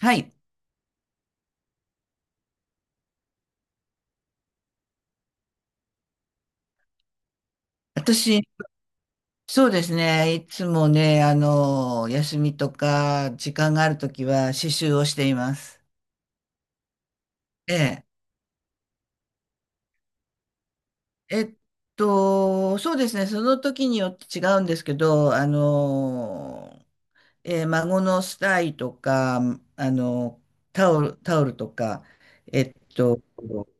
はい。私、そうですね。いつもね、休みとか、時間があるときは、刺繍をしています。ええ。えっそうですね。その時によって違うんですけど、孫のスタイとか、あの、タオルとか、えっと、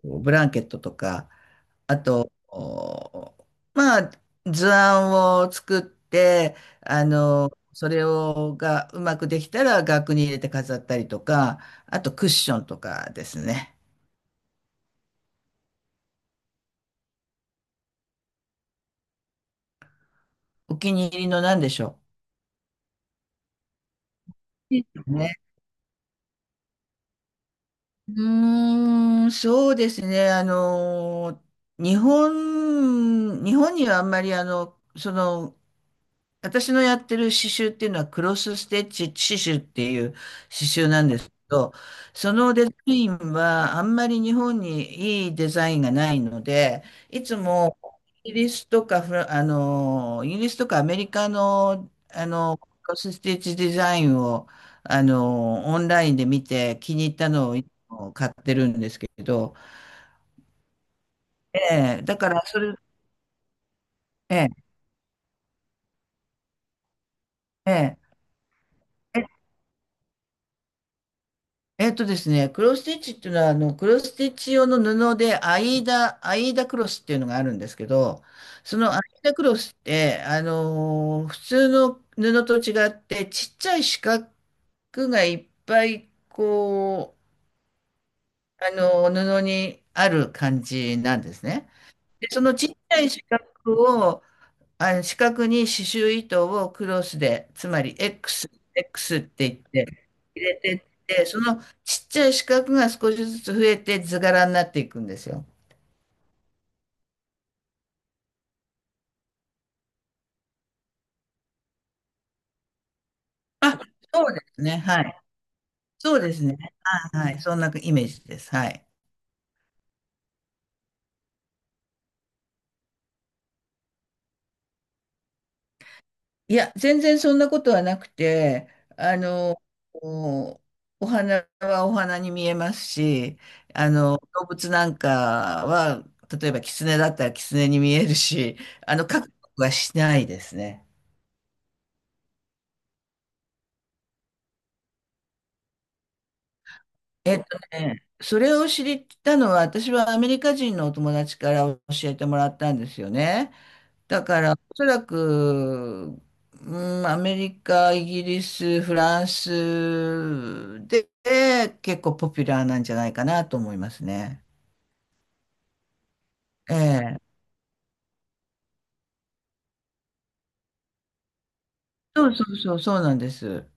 ブランケットとか、あと、まあ、図案を作って、それをがうまくできたら額に入れて飾ったりとか、あとクッションとかですね。お気に入りの何でしょういいでうね。そうですね。日本にはあんまり私のやってる刺繍っていうのはクロスステッチ刺繍っていう刺繍なんですけど、そのデザインはあんまり日本にいいデザインがないので、いつもイギリスとかアメリカの、クロスステッチデザインを、オンラインで見て気に入ったのをいつも買ってるんですけど、ええ、だからそれ、ええ、ええ。えっとですね、クロスステッチっていうのは、クロスステッチ用の布で、アイーダクロスっていうのがあるんですけど、そのアイーダクロスって、普通の布と違って、ちっちゃい四角がいっぱい、布にある感じなんですね。で、そのちっちゃい四角を、あの四角に刺繍糸をクロスで、つまり X、X って言って入れてって、そのちっちゃい四角が少しずつ増えて図柄になっていくんですよ。あ、そうですね。はい。そうですね。はい。そんなイメージです。はい。いや、全然そんなことはなくて、あの、お、お花はお花に見えますし、動物なんかは、例えば狐だったら狐に見えるし、描くことはしないですね。えっとね、それを知ったのは、私はアメリカ人のお友達から教えてもらったんですよね。だから、おそらく、うん、アメリカ、イギリス、フランスで結構ポピュラーなんじゃないかなと思いますね。ええ。そうなんです。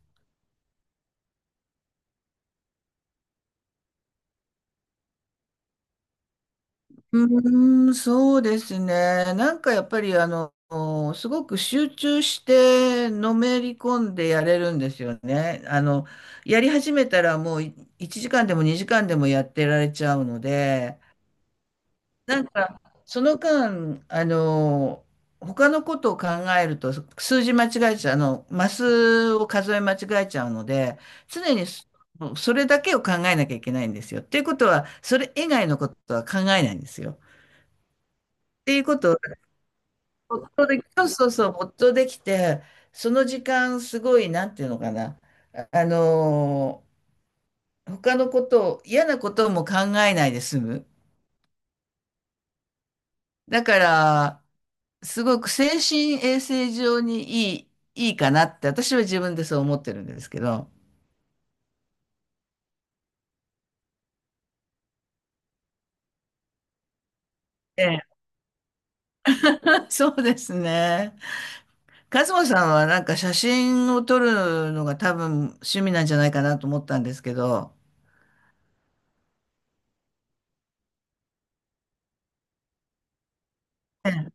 うーん、そうですね。なんかやっぱりあの、すごく集中してのめり込んでやれるんですよね。やり始めたらもう1時間でも2時間でもやってられちゃうので、なんかその間、他のことを考えると数字間違えちゃう、あの、マスを数え間違えちゃうので、常にそれだけを考えなきゃいけないんですよ。っていうことは、それ以外のことは考えないんですよ。っていうこと没頭で没頭できて、その時間、すごい、なんていうのかな、あ、あのー他のことを、嫌なことも考えないで済む。だから、すごく精神衛生上にいい、いいかなって、私は自分でそう思ってるんですけど。ええ。 そうですね。カズマさんはなんか写真を撮るのが多分趣味なんじゃないかなと思ったんですけど。ええ、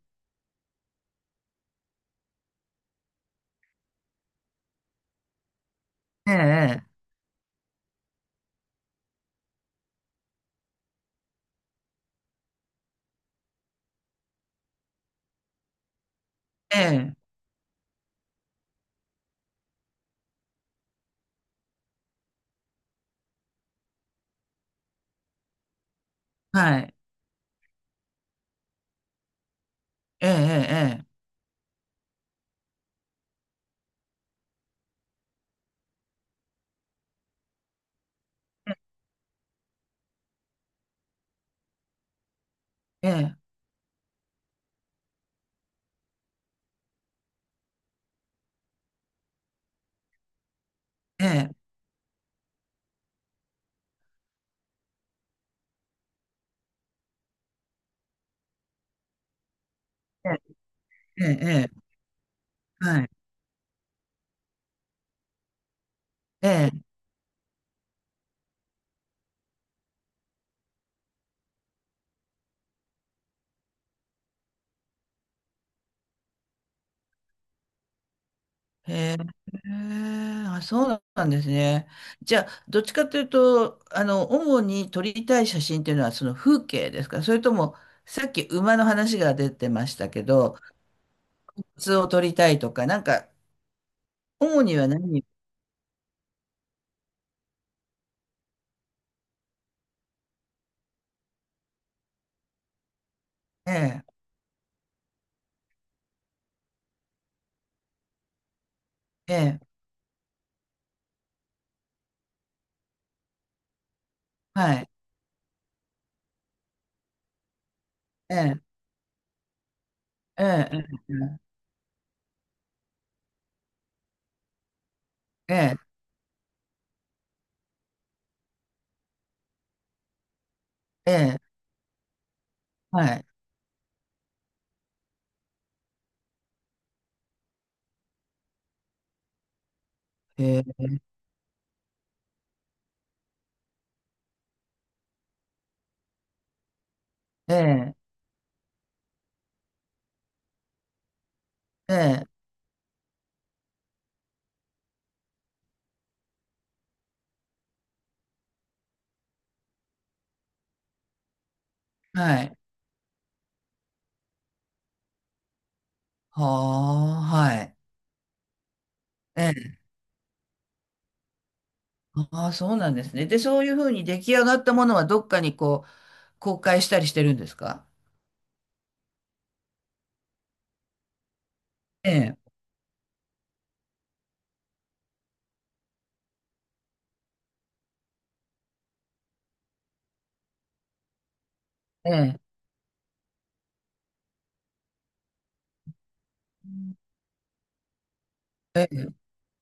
ええ、ええ、ええ、はい、ええ、ええ、ええ。ええ、ええ、ええ、はい、ええ、へえ。あ、そうなんですね。じゃあ、どっちかというと、主に撮りたい写真っていうのはその風景ですか、それとも、さっき馬の話が出てましたけど、普通を撮りたいとか、なんか、主には何。ええ、ええ、はい、ええ、ええ、ええ、ええ、はい、ええ、ええ、ええ、はい、はあ、はい、ええ。ああ、そうなんですね。で、そういうふうに出来上がったものはどっかにこう、公開したりしてるんですか？ええ、ええ、ええ。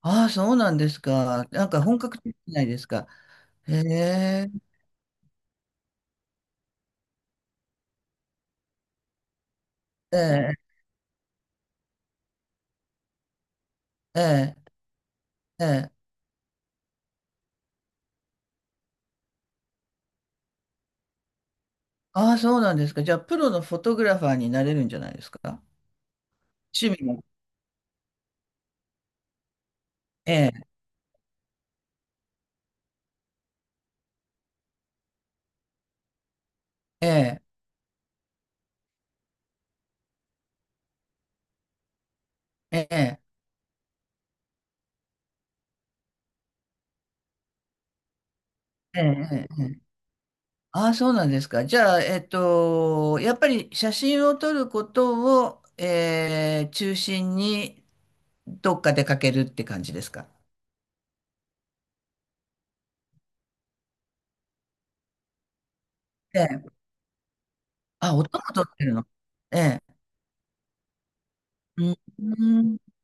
ああ、そうなんですか。なんか本格的じゃないですか。へえ、ええ、ええ、ええ。ああ、そうなんですか。じゃあ、プロのフォトグラファーになれるんじゃないですか？趣味も。ええ、ええ、ええ、ええ、ええ。ああ、そうなんですか。じゃあ、やっぱり写真を撮ることを、ええ、中心にどっか出かけるって感じですか？ええ。あ、音も取ってるの。ええ。うん。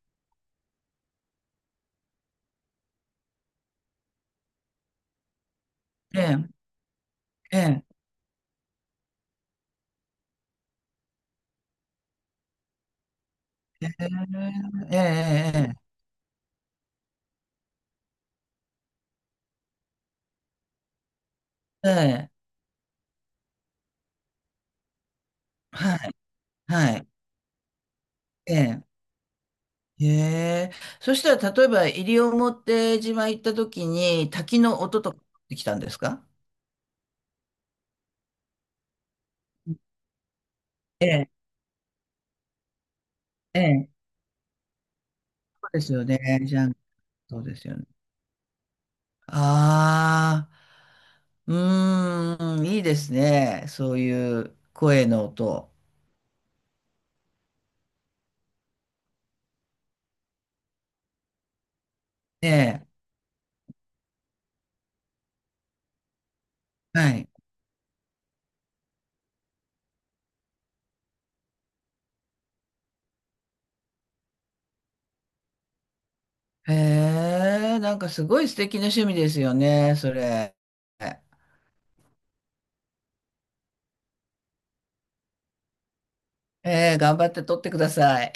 ええ。ええ。ええ。ええ。ええ。ええ、はい。はい。ええ。へえ。そしたら、例えば、西表島行った時に、滝の音とか取ってきたんですか？ええ。ええ。そうですよね。じゃあ、そうですよね。ああ。うーん。いいですね。そういう声の音。ええ。はい。へえ、なんかすごい素敵な趣味ですよね、それ。ええ、頑張って撮ってください。